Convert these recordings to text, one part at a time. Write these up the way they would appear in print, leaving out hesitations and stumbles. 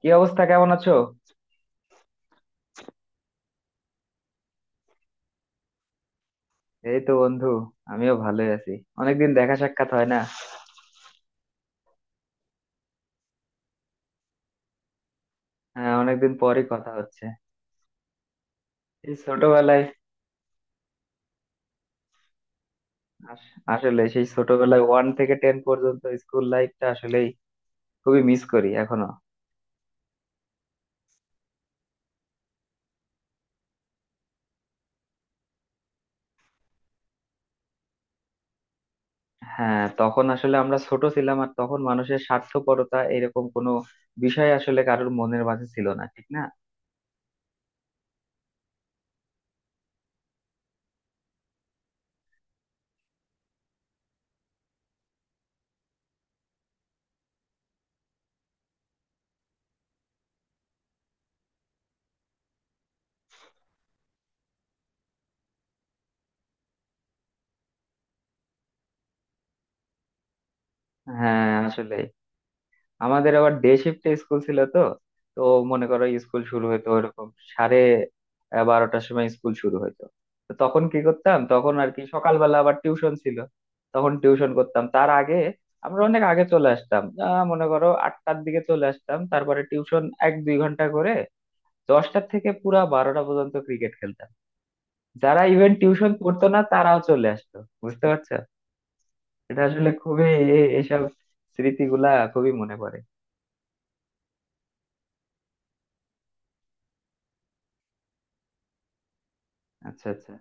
কি অবস্থা, কেমন আছো? এই তো বন্ধু, আমিও ভালোই আছি। অনেকদিন দেখা সাক্ষাৎ হয় না। হ্যাঁ, অনেকদিন পরই কথা হচ্ছে। এই ছোটবেলায়, আসলে সেই ছোটবেলায় 1 থেকে 10 পর্যন্ত স্কুল লাইফটা আসলেই খুবই মিস করি এখনো। হ্যাঁ, তখন আসলে আমরা ছোট ছিলাম, আর তখন মানুষের স্বার্থপরতা এরকম কোনো বিষয় আসলে কারোর মনের মাঝে ছিল না, ঠিক না? হ্যাঁ, আসলে আমাদের আবার ডে শিফটে স্কুল ছিল তো। তো মনে করো স্কুল শুরু হতো এরকম সাড়ে 12টার সময় স্কুল শুরু হতো। তো তখন কি করতাম, তখন আর কি সকালবেলা আবার টিউশন ছিল। তখন টিউশন করতাম তার আগে। আমরা অনেক আগে চলে আসতাম, মনে করো 8টার দিকে চলে আসতাম, তারপরে টিউশন 1-2 ঘন্টা করে 10টার থেকে পুরা 12টা পর্যন্ত ক্রিকেট খেলতাম। যারা ইভেন টিউশন পড়তো না তারাও চলে আসতো। বুঝতে পারছো, এটা আসলে খুবই, এসব স্মৃতিগুলা খুবই মনে পড়ে। আচ্ছা আচ্ছা,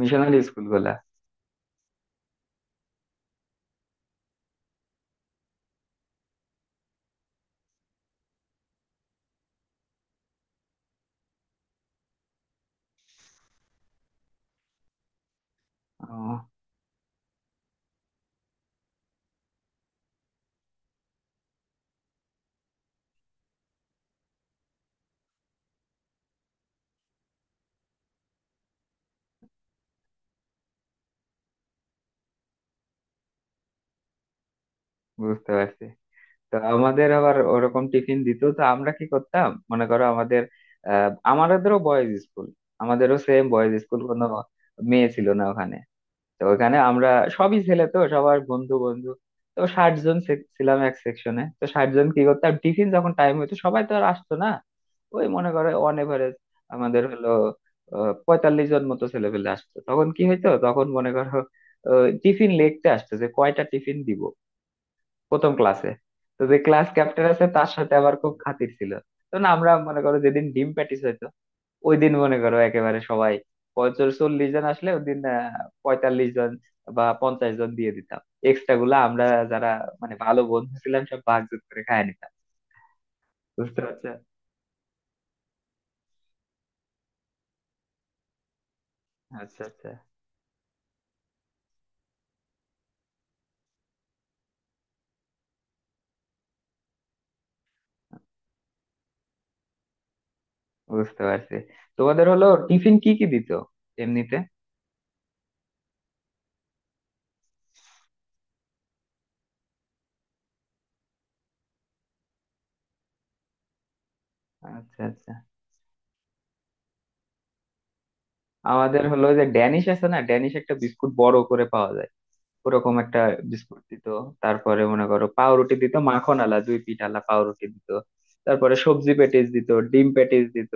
মিশনারি স্কুল গুলা। ও, বুঝতে পারছি। তো আমাদের আবার ওরকম টিফিন দিত, তো আমরা কি করতাম মনে করো আমাদের, আমাদেরও বয়েজ স্কুল, আমাদেরও সেম বয়েজ স্কুল, কোনো মেয়ে ছিল না ওখানে। তো ওখানে আমরা সবই ছেলে, তো সবার বন্ধু বন্ধু। তো 60 জন ছিলাম এক সেকশনে, তো 60 জন কি করতাম, টিফিন যখন টাইম হইতো সবাই তো আর আসতো না। ওই মনে করে অন এভারেজ আমাদের হলো 45 জন মতো ছেলে পেলে আসতো, তখন কি হইতো, তখন মনে করো টিফিন লিখতে আসতো যে কয়টা টিফিন দিব প্রথম ক্লাসে। তো যে ক্লাস ক্যাপ্টেন আছে তার সাথে আবার খুব খাতির ছিল। তো না, আমরা মনে করো যেদিন ডিম প্যাটিস হইতো ওই দিন মনে করো একেবারে সবাই, 50-40 জন আসলে ওই দিন, 45 জন বা 50 জন দিয়ে দিতাম। এক্সট্রা গুলা আমরা যারা মানে ভালো বন্ধু ছিলাম সব ভাগযোগ করে খায় নিতাম। বুঝতে পারছো। আচ্ছা আচ্ছা, বুঝতে পারছি। তোমাদের হলো টিফিন কি কি দিত এমনিতে? আচ্ছা আচ্ছা, আমাদের হলো যে ড্যানিশ আছে না, ড্যানিশ একটা বিস্কুট বড় করে পাওয়া যায়, ওরকম একটা বিস্কুট দিত। তারপরে মনে করো পাউরুটি দিত, মাখন আলা দুই পিঠ আলা পাউরুটি দিত। তারপরে সবজি প্যাটিস দিত, ডিম প্যাটিস দিত,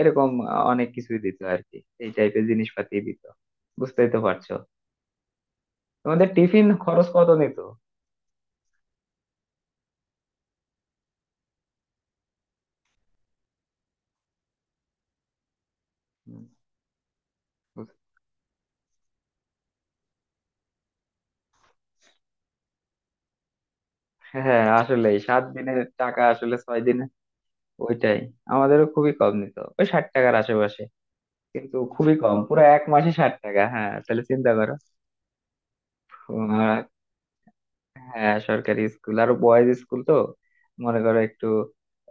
এরকম অনেক কিছুই দিত আর কি, এই টাইপের জিনিসপাতি দিত। বুঝতেই তো পারছো। তোমাদের টিফিন খরচ কত নিত? হুম, বুঝ- হ্যাঁ আসলে সাত দিনের টাকা আসলে ছয় দিনে। ওইটাই, আমাদেরও খুবই কম নিত, ওই 60 টাকার আশেপাশে, কিন্তু খুবই কম, পুরো এক মাসে 60 টাকা, হ্যাঁ তাহলে চিন্তা করো। হ্যাঁ, সরকারি স্কুল আর বয়েজ স্কুল তো, মনে করো একটু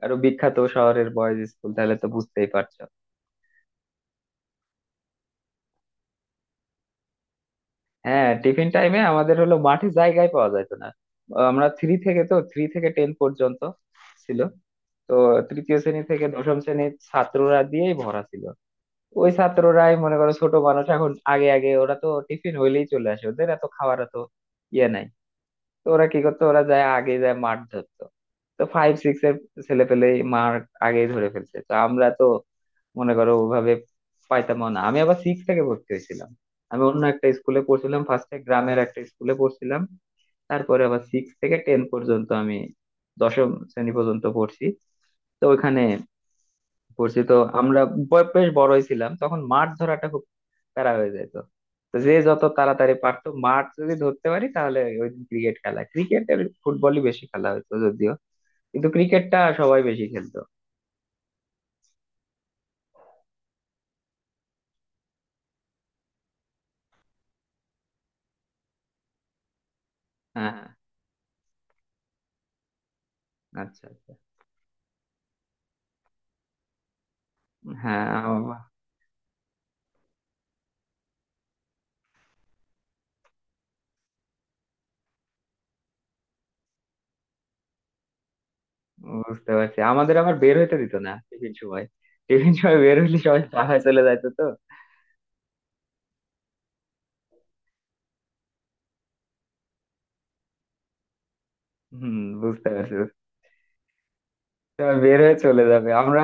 আরো বিখ্যাত শহরের বয়েজ স্কুল, তাহলে তো বুঝতেই পারছো। হ্যাঁ, টিফিন টাইমে আমাদের হলো মাঠে জায়গায় পাওয়া যাইতো না। আমরা 3 থেকে, তো 3 থেকে টেন পর্যন্ত ছিল, তো তৃতীয় শ্রেণী থেকে দশম শ্রেণীর ছাত্ররা দিয়েই ভরা ছিল। ওই ছাত্ররাই মনে করো ছোট মানুষ, এখন আগে আগে ওরা তো টিফিন হইলেই চলে আসে, ওদের এত খাওয়ার তো ইয়ে নাই। তো ওরা কি করতো, ওরা যায় আগে, যায় মাঠ ধরতো। তো 5-6 এর ছেলে পেলে মার আগেই ধরে ফেলছে, তো আমরা তো মনে করো ওভাবে পাইতাম না। আমি আবার 6 থেকে ভর্তি হয়েছিলাম, আমি অন্য একটা স্কুলে পড়ছিলাম, ফার্স্টে গ্রামের একটা স্কুলে পড়ছিলাম। তারপরে আবার সিক্স থেকে টেন পর্যন্ত আমি দশম শ্রেণী পর্যন্ত পড়ছি। তো ওইখানে পড়ছি, তো আমরা বেশ বড়ই ছিলাম তখন, মাছ ধরাটা খুব প্যারা হয়ে যেত। তো যে যত তাড়াতাড়ি পারতো মাছ যদি ধরতে পারি তাহলে ওই ক্রিকেট খেলা, ক্রিকেট আর ফুটবলই বেশি খেলা হতো যদিও, কিন্তু ক্রিকেটটা সবাই বেশি খেলতো। হ্যাঁ হ্যাঁ, আচ্ছা আচ্ছা, হ্যাঁ বুঝতে পারছি, আমাদের আবার বের হইতে দিত না টিফিন সময়। টিফিন সময় বের হইলে সবাই পাড়ায় চলে যাইতো তো। হম বুঝতে পারছি, বুঝতে পারছি। সবাই বের হয়ে চলে যাবে আমরা।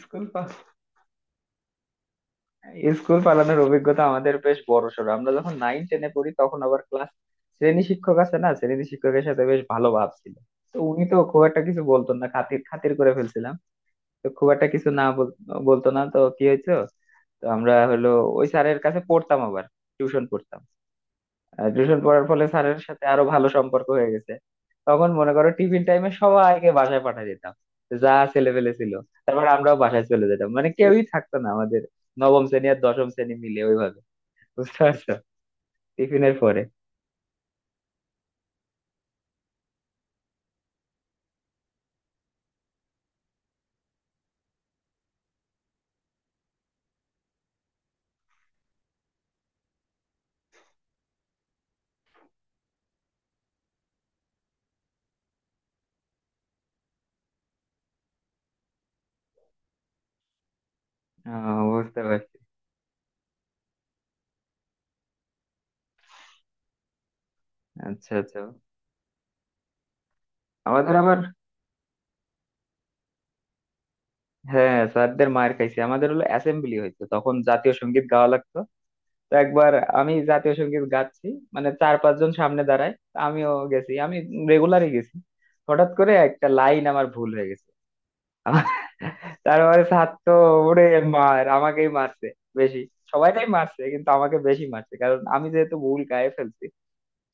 স্কুল, স্কুল পালানোর অভিজ্ঞতা আমাদের বেশ বড়সড়। আমরা যখন 9-10-এ পড়ি তখন আবার ক্লাস শ্রেণী শিক্ষক আছে না, শ্রেণী শিক্ষকের সাথে বেশ ভালো ভাব ছিল। তো উনি তো খুব একটা কিছু বলতো না, খাতির খাতির করে ফেলছিলাম। তো খুব একটা কিছু না বলতো না, তো কি হয়েছে, তো আমরা হলো ওই স্যারের কাছে পড়তাম আবার, টিউশন পড়তাম, টিউশন পড়ার ফলে স্যারের সাথে আরো ভালো সম্পর্ক হয়ে গেছে। তখন মনে করো টিফিন টাইমে সবাইকে বাসায় পাঠিয়ে দিতাম, যা ছেলেপেলে ছিল। তারপর আমরাও বাসায় চলে যেতাম, মানে কেউই থাকতো না আমাদের নবম শ্রেণী আর দশম শ্রেণী মিলে ওইভাবে। বুঝতে পারছো, টিফিনের পরে। বুঝতে পারছি। আচ্ছা আচ্ছা, আমাদের আবার, হ্যাঁ স্যারদের মার খাইছে, আমাদের হলো অ্যাসেম্বলি হইতো, তখন জাতীয় সঙ্গীত গাওয়া লাগতো। তো একবার আমি জাতীয় সঙ্গীত গাচ্ছি, মানে 4-5 জন সামনে দাঁড়ায়, আমিও গেছি, আমি রেগুলারই গেছি। হঠাৎ করে একটা লাইন আমার ভুল হয়ে গেছে। আমার, তারপরে স্যার তো ওরে মার, আমাকেই মারছে বেশি। সবাইটাই মারছে কিন্তু আমাকে বেশি মারছে, কারণ আমি যেহেতু ভুল গায়ে ফেলছি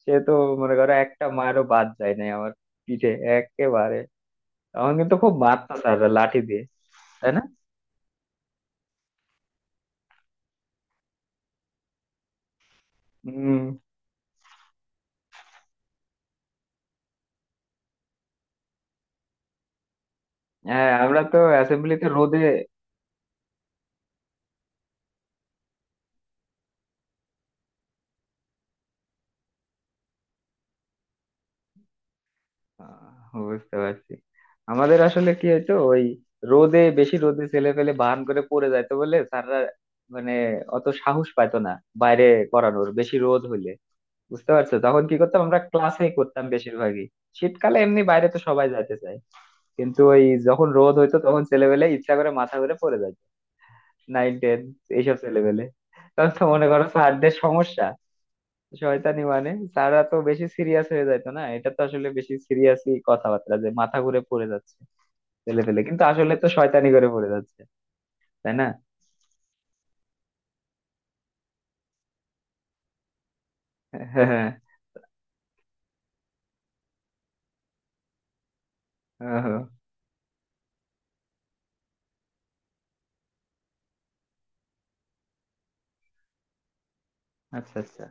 সেহেতু মনে করো একটা মারও বাদ যায় নাই আমার পিঠে একেবারে। তখন কিন্তু খুব মারতো স্যাররা লাঠি দিয়ে, তাই না? হম হ্যাঁ আমরা তো অ্যাসেম্বলিতে রোদে। বুঝতে পারছি, আমাদের আসলে কি হইতো ওই রোদে, বেশি রোদে ছেলে পেলে বাহান করে পড়ে যাইতো বলে স্যাররা মানে অত সাহস পাইতো না বাইরে করানোর বেশি রোদ হইলে। বুঝতে পারছো, তখন কি করতাম আমরা ক্লাসেই করতাম বেশিরভাগই। শীতকালে এমনি বাইরে তো সবাই যাইতে চায়, কিন্তু ওই যখন রোদ হইতো তখন ছেলেবেলে ইচ্ছা করে মাথা ঘুরে পড়ে যাইতো, 9-10 এইসব ছেলেবেলে। তখন তো মনে করো স্যারদের সমস্যা, শয়তানি মানে, তারা তো বেশি সিরিয়াস হয়ে যাইতো না, এটা তো আসলে বেশি সিরিয়াসই কথাবার্তা যে মাথা ঘুরে পড়ে যাচ্ছে ফেলে ফেলে, কিন্তু আসলে তো শয়তানি করে পড়ে যাচ্ছে। তাই না? হ্যাঁ। ওহো, আচ্ছা আচ্ছা,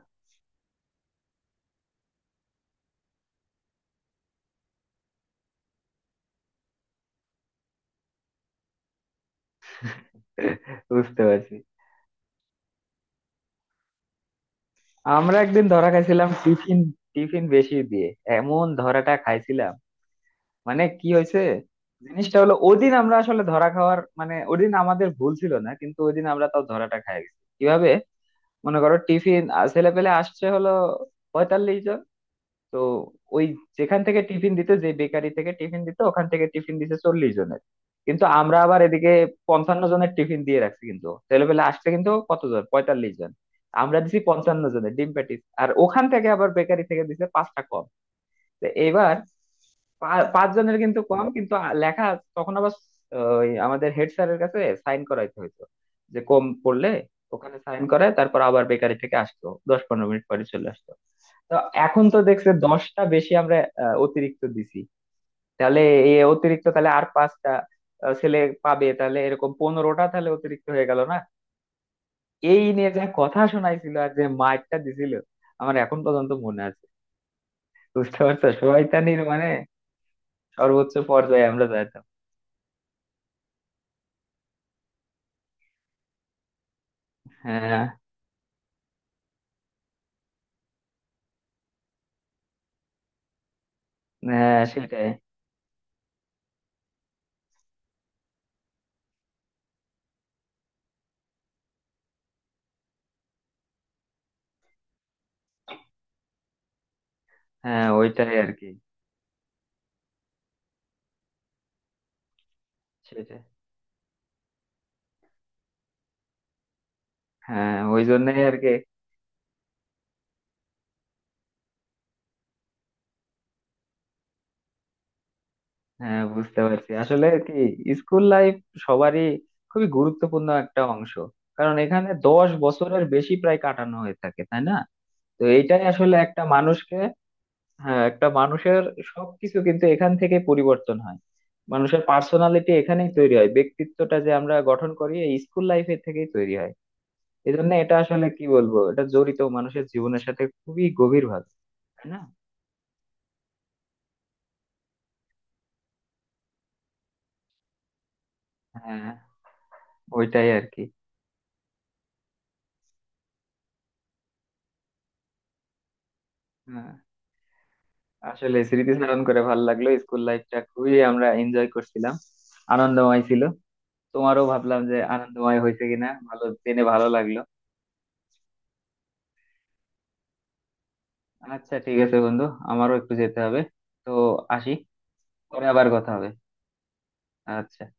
বুঝতে পারছি। আমরা একদিন ধরা খাইছিলাম টিফিন, টিফিন বেশি দিয়ে এমন ধরাটা খাইছিলাম। মানে কি হয়েছে, জিনিসটা হলো ওদিন আমরা আসলে ধরা খাওয়ার, মানে ওদিন আমাদের ভুল ছিল না, কিন্তু ওদিন আমরা তাও ধরাটা খাই গেছি। কিভাবে, মনে করো টিফিন, ছেলে পেলে আসছে হলো 45। তো ওই যেখান থেকে টিফিন দিত, যে বেকারি থেকে টিফিন দিত, ওখান থেকে টিফিন দিছে 40 জনের। কিন্তু আমরা আবার এদিকে 55 জনের টিফিন দিয়ে রাখছি, কিন্তু ছেলেপেলে আসছে কিন্তু কতজন, 45 জন। আমরা দিছি 55 জনের ডিম প্যাটিস, আর ওখান থেকে আবার বেকারি থেকে দিছে 5টা কম। তো এবার পাঁচজনের কিন্তু কম, কিন্তু লেখা, তখন আবার ওই আমাদের হেড স্যারের কাছে সাইন করাইতে হইতো যে কম পড়লে। ওখানে সাইন করায় তারপর আবার বেকারি থেকে আসতো 10-15 মিনিট পরে চলে আসতো। তো এখন তো দেখছে 10টা বেশি আমরা অতিরিক্ত দিছি, তাহলে এই অতিরিক্ত তাহলে আর 5টা ছেলে পাবে, তাহলে এরকম 15টা তাহলে অতিরিক্ত হয়ে গেল না। এই নিয়ে যা কথা শোনাইছিল আর যে মারটা দিছিল আমার এখন পর্যন্ত মনে আছে। বুঝতে পারছো, শয়তানির মানে সর্বোচ্চ পর্যায়ে আমরা যাইতাম। হ্যাঁ হ্যাঁ সেটাই, হ্যাঁ ওইটাই আর কি, সেটাই, হ্যাঁ ওই জন্যই আর কি। হ্যাঁ বুঝতে পারছি, আসলে কি স্কুল লাইফ সবারই খুবই গুরুত্বপূর্ণ একটা অংশ, কারণ এখানে 10 বছরের বেশি প্রায় কাটানো হয়ে থাকে, তাই না? তো এইটাই আসলে একটা মানুষকে, হ্যাঁ একটা মানুষের সবকিছু কিন্তু এখান থেকে পরিবর্তন হয়। মানুষের পার্সোনালিটি এখানেই তৈরি হয়, ব্যক্তিত্বটা যে আমরা গঠন করি এই স্কুল লাইফের থেকেই তৈরি হয়। এই জন্য এটা আসলে কি বলবো, এটা জড়িত মানুষের জীবনের সাথে খুবই গভীর ভাবে, তাই না? হ্যাঁ ওইটাই আর কি। হ্যাঁ আসলে স্মৃতিচারণ করে ভালো লাগলো, স্কুল লাইফটা খুবই আমরা এনজয় করছিলাম, আনন্দময় ছিল। তোমারও ভাবলাম যে আনন্দময় হয়েছে কিনা, ভালো জেনে ভালো লাগলো। আচ্ছা ঠিক আছে বন্ধু, আমারও একটু যেতে হবে, তো আসি, পরে আবার কথা হবে। আচ্ছা।